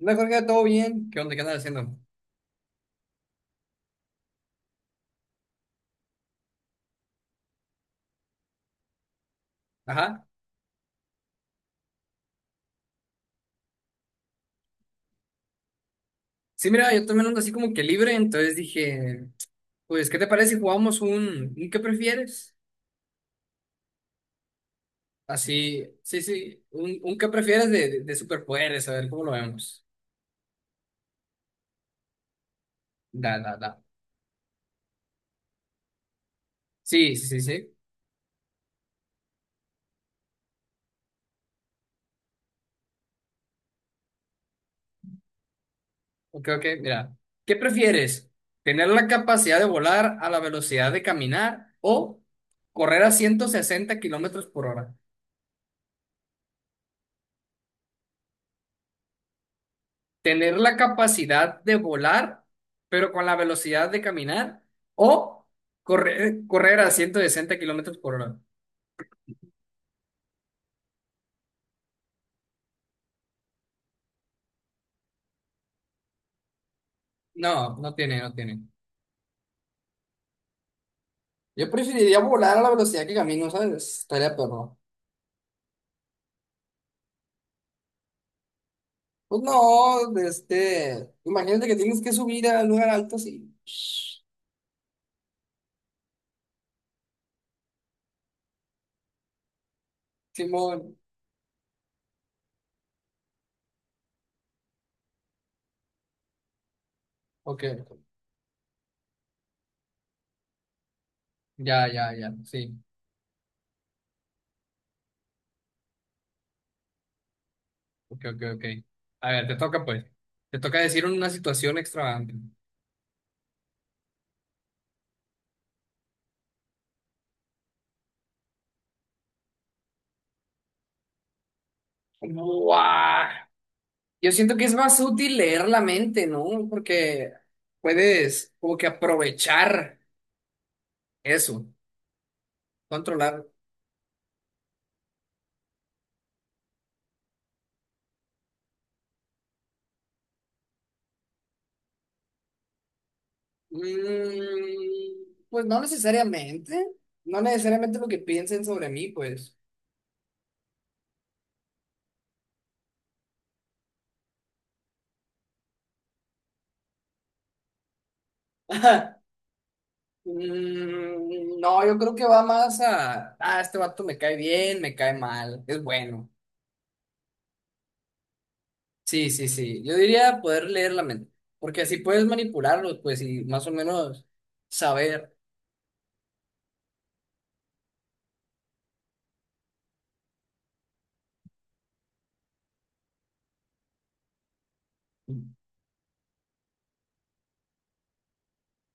No, Jorge, todo bien. ¿Qué onda? ¿Qué andas haciendo? Ajá. Sí, mira, yo también ando así como que libre, entonces dije, pues, ¿qué te parece si jugamos un qué prefieres? Así, sí, sí, un qué prefieres de superpoderes, a ver cómo lo vemos. Da, da, da. Sí, sí, sí, sí. Ok, ok, mira. ¿Qué prefieres? ¿Tener la capacidad de volar a la velocidad de caminar o correr a 160 km/h? Tener la capacidad de volar, pero con la velocidad de caminar, o correr a 160 km/h. No, no tiene, no tiene. Yo preferiría volar a la velocidad que camino, ¿sabes? Estaría perro. Pues no, este, imagínate que tienes que subir a un lugar alto así. Simón. Ok, ya, ya, ya, sí. Ok, ok, ok. A ver, te toca pues. Te toca decir una situación extravagante. ¡Guau! Yo siento que es más útil leer la mente, ¿no? Porque puedes como que aprovechar eso, controlar. Pues no necesariamente, no necesariamente lo que piensen sobre mí, pues. No, yo creo que va más a, ah, este vato me cae bien, me cae mal, es bueno. Sí, sí, sí. Yo diría poder leer la mente, porque así puedes manipularlos, pues, y más o menos saber.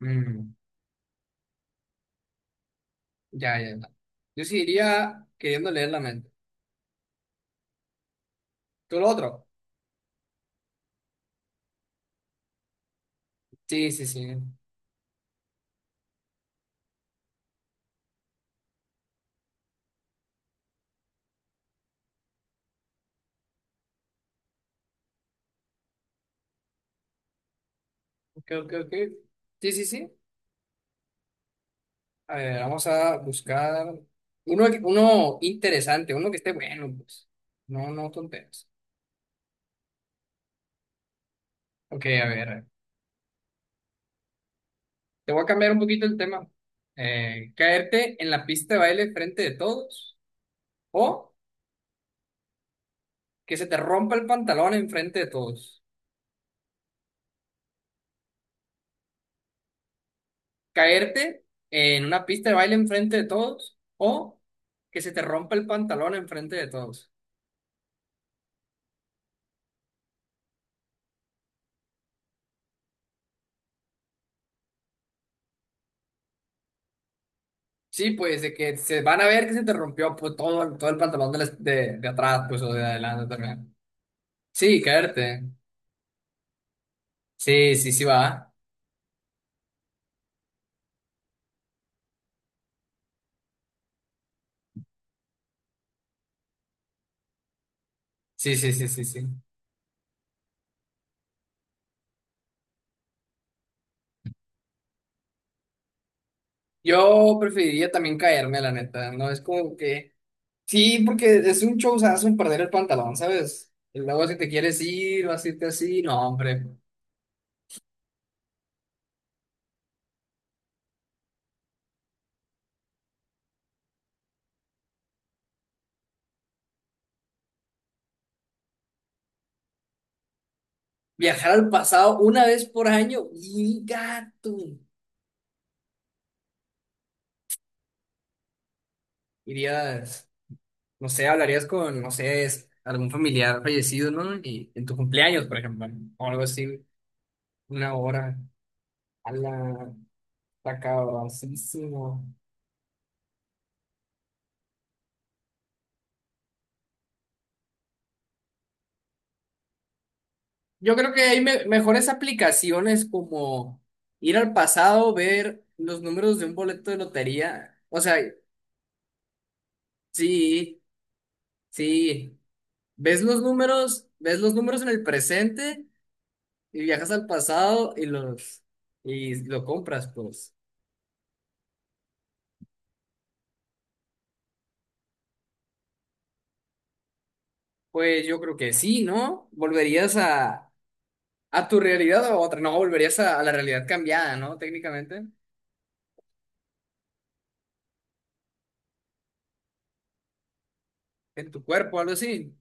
Mm. Ya, ya, ya. Yo sí iría queriendo leer la mente. ¿Tú lo otro? Sí, sí, sí. Ok, ok, ok. Sí, sí, sí. A ver, vamos a buscar uno, que- uno interesante, uno que esté bueno, pues. No, no tonteras. Ok, a ver. Te voy a cambiar un poquito el tema. Caerte en la pista de baile frente de todos o que se te rompa el pantalón en frente de todos. Caerte en una pista de baile en frente de todos o que se te rompa el pantalón en frente de todos. Sí, pues de que se van a ver que se te rompió pues, todo, todo el pantalón de, la- de atrás, pues, o de adelante también. Sí, caerte. Sí, sí, sí va. Sí, sí, sí, sí, sí. Yo preferiría también caerme, la neta, ¿no? Es como que... Sí, porque es un showzazo en perder el pantalón, ¿sabes? Y luego si te quieres ir o así, te así, no, hombre. Viajar al pasado una vez por año y gato. Iría. No sé, hablarías con, no sé, es- algún familiar fallecido, ¿no? Y en tu cumpleaños, por ejemplo, o algo así, una hora. A la está cabroncísimo. Yo creo que hay me- mejores aplicaciones como ir al pasado, ver los números de un boleto de lotería. O sea, sí, sí. Ves los números en el presente y viajas al pasado y los y lo compras, pues. Pues yo creo que sí, ¿no? Volverías a tu realidad o a otra. No, volverías a la realidad cambiada, ¿no? Técnicamente, en tu cuerpo, algo así.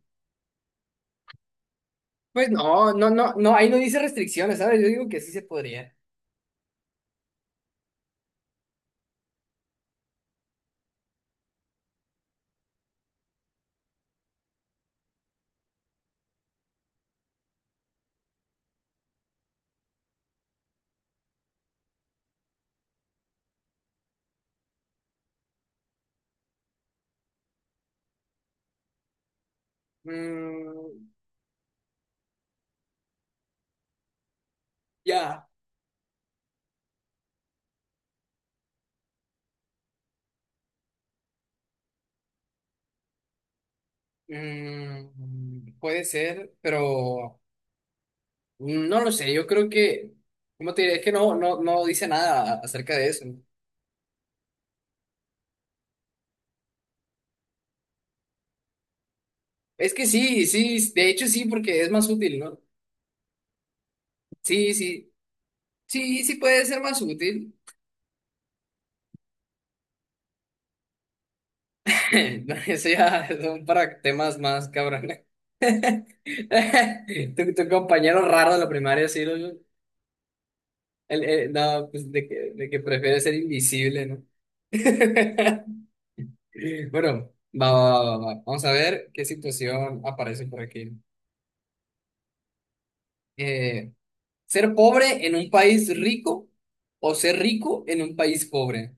Pues no, no, no, no, ahí no dice restricciones, ¿sabes? Yo digo que sí se podría. Mm, ya. Mm, puede ser, pero no lo sé. Yo creo que, ¿cómo te diré? Es que no, no, no dice nada acerca de eso. ¿No? Es que sí, sí, de hecho sí, porque es más útil, ¿no? Sí, sí, sí, sí puede ser más útil. Eso ya son para temas más cabrones. Tu compañero raro de la primaria, sí, lo- el- no, pues de que prefiere ser invisible, ¿no? Bueno, va, va, va, va. Vamos a ver qué situación aparece por aquí. Eh, ¿Ser pobre en un país rico o ser rico en un país pobre?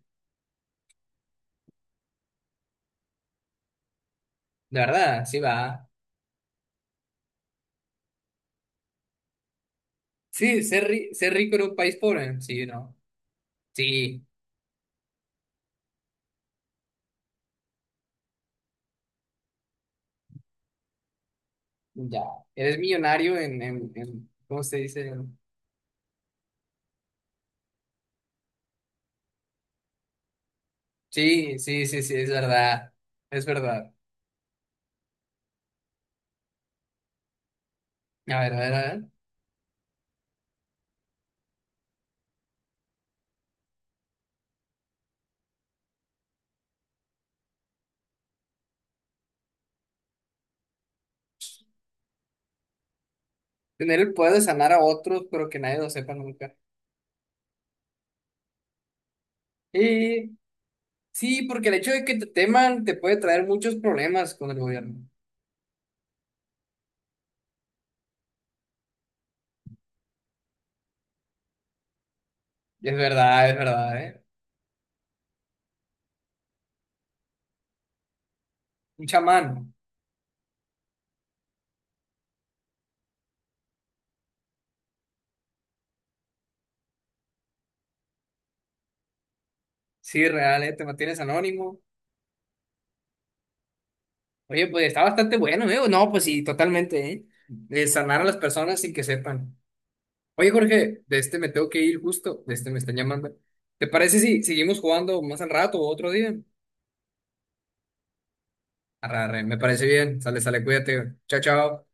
De verdad, sí va. Sí, ser, ri- ser rico en un país pobre. Sí, no. Sí, ya. Eres millonario en- ¿cómo se dice? Sí, sí, sí, sí, es verdad. Es verdad. A ver, a ver, a ver. Tener el poder de sanar a otros, pero que nadie lo sepa nunca. Y sí, porque el hecho de que te teman te puede traer muchos problemas con el gobierno. Y es verdad, ¿eh? Un chamán. Sí, real, ¿eh? Te mantienes anónimo. Oye, pues está bastante bueno, ¿eh? No, pues sí, totalmente, ¿eh? Sanar a las personas sin que sepan. Oye, Jorge, de este me tengo que ir justo. De este me están llamando. ¿Te parece si seguimos jugando más al rato o otro día? Arre, arre, me parece bien. Sale, sale, cuídate. Chao, chao.